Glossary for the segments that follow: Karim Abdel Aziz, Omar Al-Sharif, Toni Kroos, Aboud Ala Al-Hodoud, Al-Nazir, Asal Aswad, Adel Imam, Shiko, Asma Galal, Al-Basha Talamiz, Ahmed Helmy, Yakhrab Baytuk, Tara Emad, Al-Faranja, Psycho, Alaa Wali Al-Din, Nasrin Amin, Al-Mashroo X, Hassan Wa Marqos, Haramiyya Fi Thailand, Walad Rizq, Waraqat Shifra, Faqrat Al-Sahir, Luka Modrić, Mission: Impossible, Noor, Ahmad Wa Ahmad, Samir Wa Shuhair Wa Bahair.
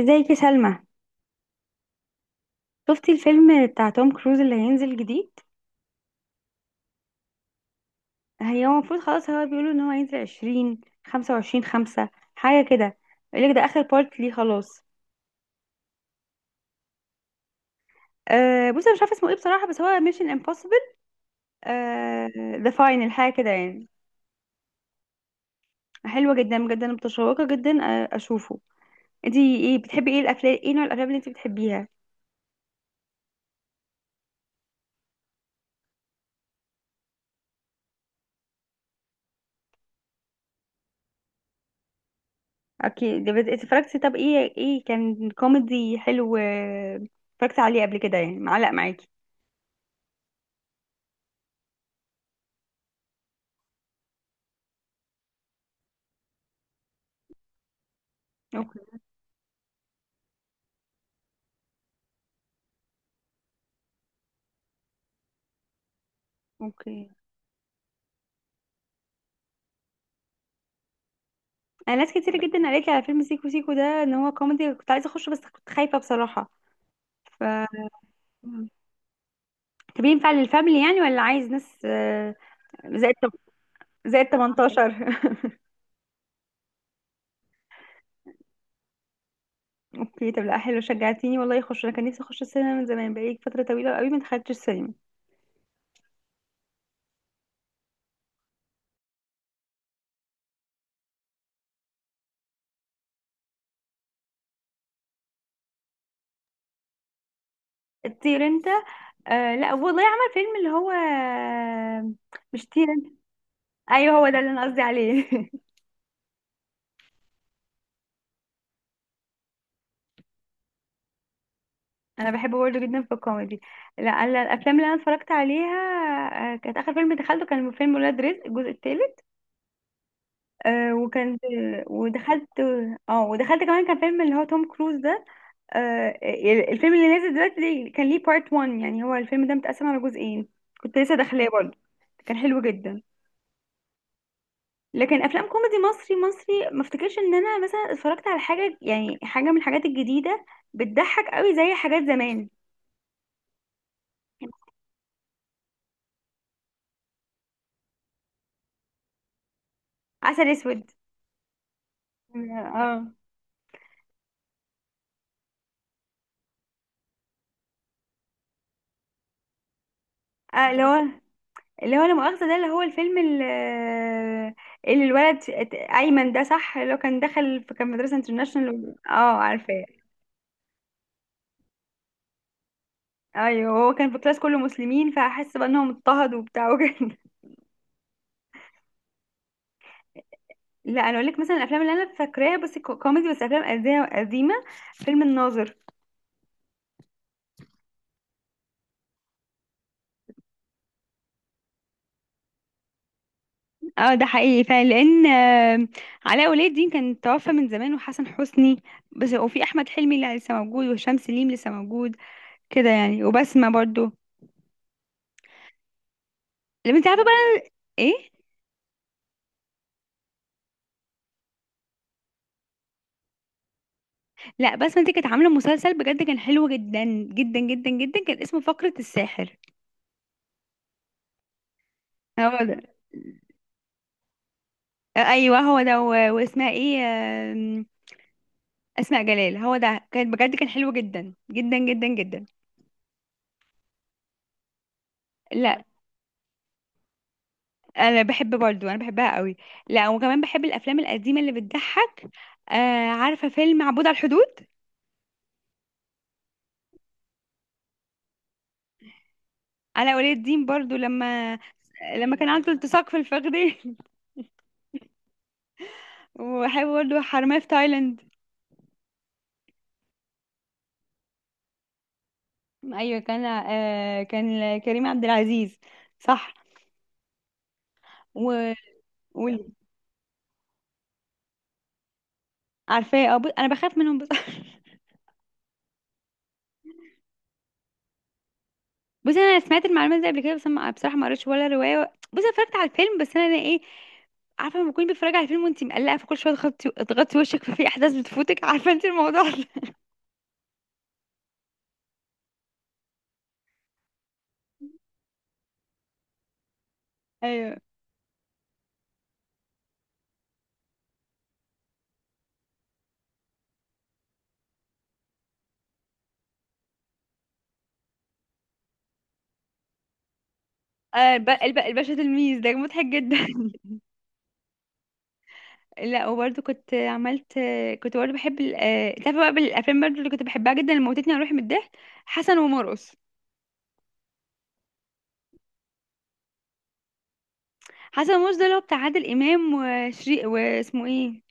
ازيك يا سلمى؟ شفتي الفيلم بتاع توم كروز اللي هينزل جديد؟ هو المفروض خلاص، هو بيقولوا ان هو هينزل عشرين، خمسة وعشرين، خمسة، حاجة كده. يقولك ده آخر بارت ليه، خلاص. أه بصي، أنا مش عارفة اسمه ايه بصراحة، بس هو ميشن امبوسيبل ذا فاينل حاجة كده يعني. حلوة جدا جدا، متشوقة جدا أشوفه. انتي ايه بتحبي، ايه الأفلام، ايه نوع الأفلام اللي انتي بتحبيها؟ أكيد اتفرجتي، طب ايه ايه كان كوميدي حلو اتفرجتي عليه قبل كده يعني، معلق معاكي؟ اوكي. اوكي، انا ناس كتير جدا قالت لي على فيلم سيكو سيكو ده ان هو كوميدي، كنت عايزه اخشه بس كنت خايفه بصراحه. ف مم. طب ينفع للفاميلي يعني ولا عايز ناس زائد زائد 18؟ اوكي، طب لا حلو، شجعتيني والله اخش. انا كان نفسي اخش السينما من زمان، بقالي فتره طويله قوي ما دخلتش السينما. طير انت؟ آه، لا والله عمل فيلم اللي هو، مش طير انت. ايوه هو ده اللي انا قصدي عليه. انا بحبه برضه جدا في الكوميدي. لا انا الافلام اللي انا اتفرجت عليها، كانت اخر فيلم دخلته كان فيلم ولاد رزق الجزء الثالث. آه وكان، ودخلت، اه ودخلت كمان كان فيلم اللي هو توم كروز ده. آه، الفيلم اللي نازل دلوقتي كان ليه بارت 1 يعني، هو الفيلم ده متقسم على جزئين. كنت لسه داخلاه برضه، كان حلو جدا. لكن افلام كوميدي مصري مصري، ما افتكرش ان انا مثلا اتفرجت على حاجه يعني، حاجه من الحاجات الجديده بتضحك قوي زي حاجات زمان. عسل اسود. اه اللي هو، اللي هو لا مؤاخذة، ده اللي هو الفيلم اللي، اللي الولد أيمن ده صح، اللي هو كان دخل في، كان مدرسة انترناشونال، اه عارفاه. ايوه هو كان في كلاس كله مسلمين، فحس بقى انهم اضطهدوا وبتاع وكده. لا انا اقول لك مثلا الافلام اللي انا فاكراها بس كوميدي، بس افلام قديمه، قديمة، فيلم الناظر. اه ده حقيقي فعلا، لان علاء ولي الدين كان توفى من زمان، وحسن حسني. بس وفي احمد حلمي اللي لسه موجود، وهشام سليم لسه موجود، كده يعني، وبسمة برضو اللي انت عارفه بقى. ايه؟ لا بس ما دي كانت عامله مسلسل بجد كان حلو جدا، جدا جدا جدا، كان اسمه فقرة الساحر. هو ده. ايوه هو ده واسمها ايه؟ آم، اسماء جلال، هو ده، كان بجد كان حلو جدا جدا جدا جدا. لا انا بحبها قوي. لا وكمان بحب الافلام القديمه اللي بتضحك. آه عارفه فيلم عبود على الحدود؟ علاء ولي الدين برضو لما، لما كان عنده التصاق في الفخذين. وبحب برضو حرامية في تايلاند. ايوه كان آه كان كريم عبد العزيز، صح. و... وال- عارفاه، اه بص انا بخاف منهم بس. بص انا سمعت المعلومات دي قبل كده بس أنا بصراحه ما قريتش ولا روايه، بص أنا اتفرجت على الفيلم بس، انا ايه، عارفه لما تكوني بتتفرجي على الفيلم وانت مقلقه، فكل شويه تغطي وشك، ففي احداث بتفوتك، عارفه انت الموضوع ده. ايوه آه الباشا تلميذ ده مضحك جدا. لا وبرده كنت عملت، كنت برده بحب ال... آه، تعرفي بقى بالافلام برده اللي كنت بحبها جدا، اللي موتتني على روحي من الضحك، حسن ومرقص. حسن ومرقص ده اللي هو بتاع عادل امام وشري واسمه ايه.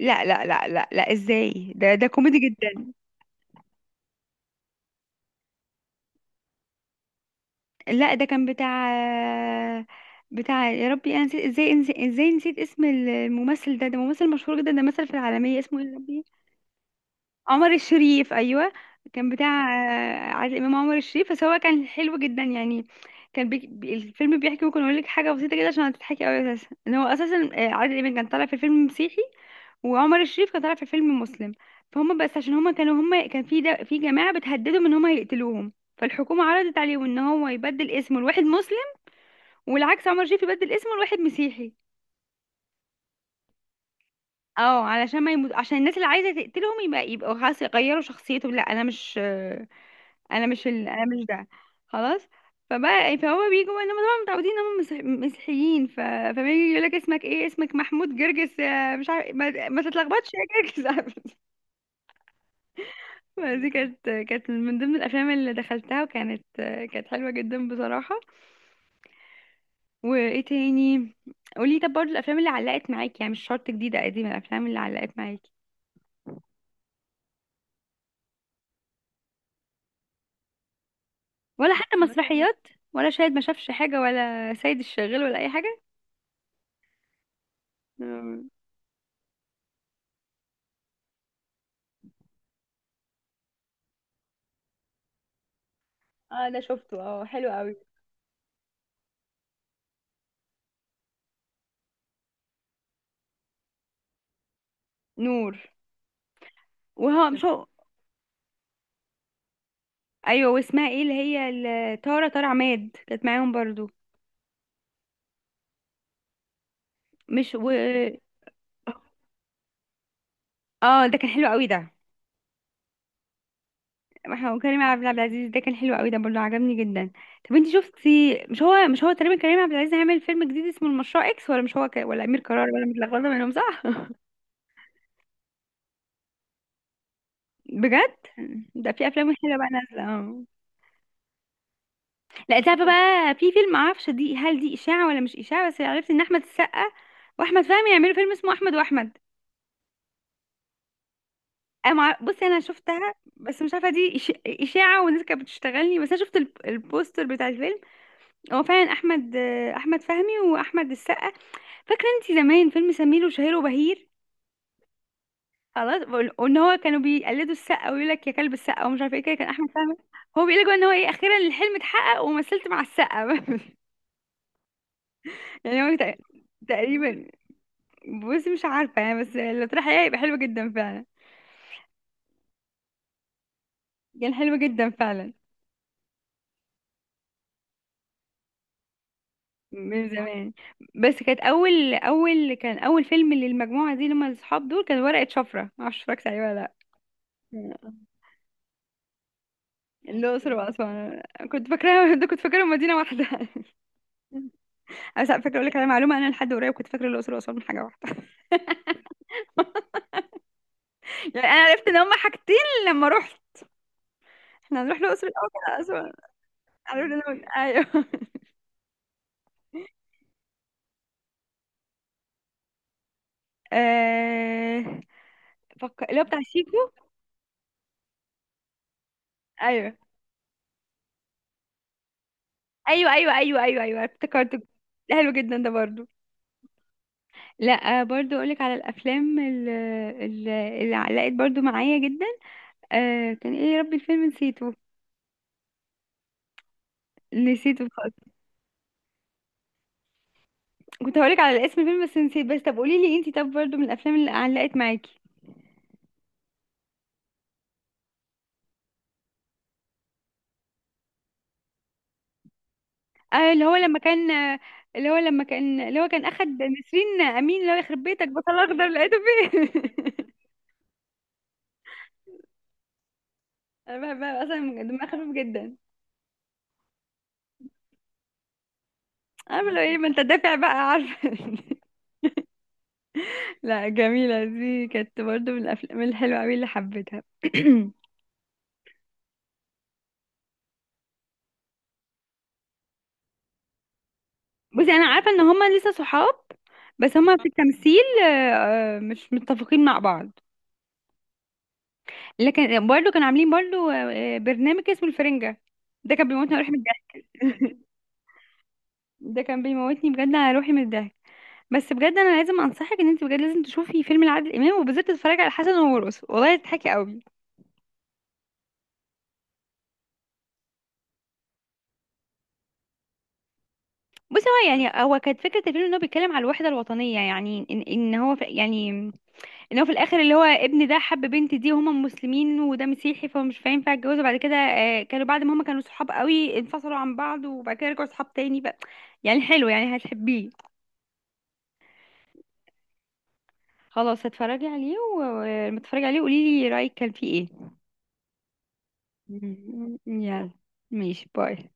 لا، ازاي، ده ده كوميدي جدا. لا ده كان بتاع، بتاع يا ربي انا نسيت، ازاي نسيت اسم الممثل ده، ده ممثل مشهور جدا، ده مثل في العالمية، اسمه ايه يا ربي. عمر الشريف، ايوه، كان بتاع عادل امام، عمر الشريف، بس هو كان حلو جدا يعني. كان الفيلم بيحكي، ممكن اقول لك حاجه بسيطه كده عشان هتضحكي قوي اساسا، ان هو اساسا عادل امام كان طالع في فيلم مسيحي، وعمر الشريف كان طالع في فيلم مسلم. فهم بس عشان هم كانوا هم كان في ده في جماعه بتهددهم ان هم هيقتلوهم، فالحكومه عرضت عليهم ان هو يبدل اسمه لواحد مسلم، والعكس عمر الشريف يبدل اسمه لواحد مسيحي. اه علشان ما يموت، عشان الناس اللي عايزه تقتلهم يبقى، يبقوا خلاص يغيروا شخصيتهم. لا انا مش انا مش ال... انا مش ده، خلاص. فبقى يعني، فهو بيجوا بقى انهم طبعا متعودين ان هم مسيحيين، ف... فبيجي يقول لك اسمك ايه؟ اسمك محمود جرجس مش عارف، ما تتلخبطش يا جرجس. دي كانت، كانت من ضمن الافلام اللي دخلتها وكانت، كانت حلوه جدا بصراحه. وايه تاني؟ قولي طب برضه الافلام اللي علقت معاكي يعني، مش شرط جديده قديمه، الافلام اللي علقت معاكي، ولا حتى مثلا مسرحيات، ولا شاهد ما شافش حاجه، ولا سيد الشغال ولا اي حاجه. مم. اه ده شفته، اه حلو قوي. نور. وهو مش هو. ايوه واسمها ايه اللي هي تارة، تارة عماد كانت معاهم برضو. مش و، اه ده كان حلو قوي ده. احنا وكريم عبد العزيز ده كان حلو قوي ده برضو، عجبني جدا. طب انتي شفتي، مش هو تقريبا كريم عبد العزيز هيعمل فيلم جديد اسمه المشروع اكس؟ ولا مش هو ك... ولا امير قرار، ولا متلخبطه منهم، صح. بجد؟ ده في افلام حلوه بقى نازله اه. لا انت عارفه بقى في فيلم، معرفش دي هل دي اشاعه ولا مش اشاعه، بس عرفت ان احمد السقا واحمد فهمي يعملوا فيلم اسمه احمد واحمد. بصي انا شفتها بس مش عارفه دي اشاعه، والناس كانت بتشتغلني، بس انا شفت البوستر بتاع الفيلم، هو فعلا احمد، احمد فهمي واحمد السقا. فاكره انت زمان فيلم سمير وشهير وبهير؟ خلاص، وان هو كانوا بيقلدوا السقا ويقول لك يا كلب السقا ومش عارفه ايه، كده كان احمد فهمي، هو بيقول لك ان هو ايه اخيرا الحلم اتحقق ومثلت مع السقا. يعني هو تقريبا. بصي مش عارفه يعني، بس لو طلع حقيقة يبقى حلو جدا فعلا. كان حلو جدا فعلا من زمان. بس كانت اول كان اول فيلم للمجموعه دي، لما الاصحاب دول كان ورقه شفره، ما اعرفش اتفرجت عليه ولا لا. الاقصر واسوان، كنت فاكراها ده كنت فاكره مدينه واحده. بس على فكره اقول لك على معلومه، انا لحد قريب كنت فاكره الاقصر واسوان حاجه واحده. يعني انا عرفت ان هما حاجتين لما رحت، احنا هنروح الاقصر الاول ولا اسوان؟ عرفت ان هما، ايوه. آه، فك... اللي هو بتاع شيكو. ايوه ايوه ايوه ايوه ايوه ايوه، افتكرته، ده حلو جدا ده برضو. لا برضو اقولك على الافلام اللي علقت برضو معايا جدا، آه كان ايه يا ربي، الفيلم نسيته، نسيته خالص. كنت هقولك على اسم الفيلم بس نسيت، بس طب قولي لي انتي طب برضو من الافلام اللي علقت معاكي؟ آه اللي هو لما كان اللي هو لما كان، اللي هو كان اخد نسرين امين، اللي هو يخرب بيتك بطل اخضر لقيته فين. انا بحبها اصلا، دماغها خفيف جدا. عارفه لو ايه، ما انت دافع بقى عارفه. لا جميله دي كانت برضو من الافلام الحلوه قوي اللي حبيتها. بصي انا عارفه ان هما لسه صحاب، بس هما في التمثيل مش متفقين مع بعض. لكن برضه كانوا عاملين برضه برنامج اسمه الفرنجه، ده كان بيموتني على روحي من الضحك. ده كان بيموتني بجد على روحي من الضحك. بس بجد انا لازم انصحك، ان انت بجد لازم تشوفي فيلم لعادل امام، وبالذات تتفرجي على حسن ومرقص، والله تضحكي قوي. بصي هو يعني، هو كانت فكره الفيلم ان هو بيتكلم على الوحده الوطنيه، يعني إن هو ف... يعني ان هو في الاخر اللي هو ابن ده حب بنت دي، وهما مسلمين وده مسيحي، فمش هينفع يتجوزوا بعد كده. كانوا بعد ما هما كانوا صحاب قوي انفصلوا عن بعض، وبعد كده رجعوا صحاب تاني بقى. يعني حلو، يعني هتحبيه. خلاص هتفرجي عليه، ولما تتفرجي عليه قولي لي رايك كان فيه ايه. مم. يلا، ماشي، باي.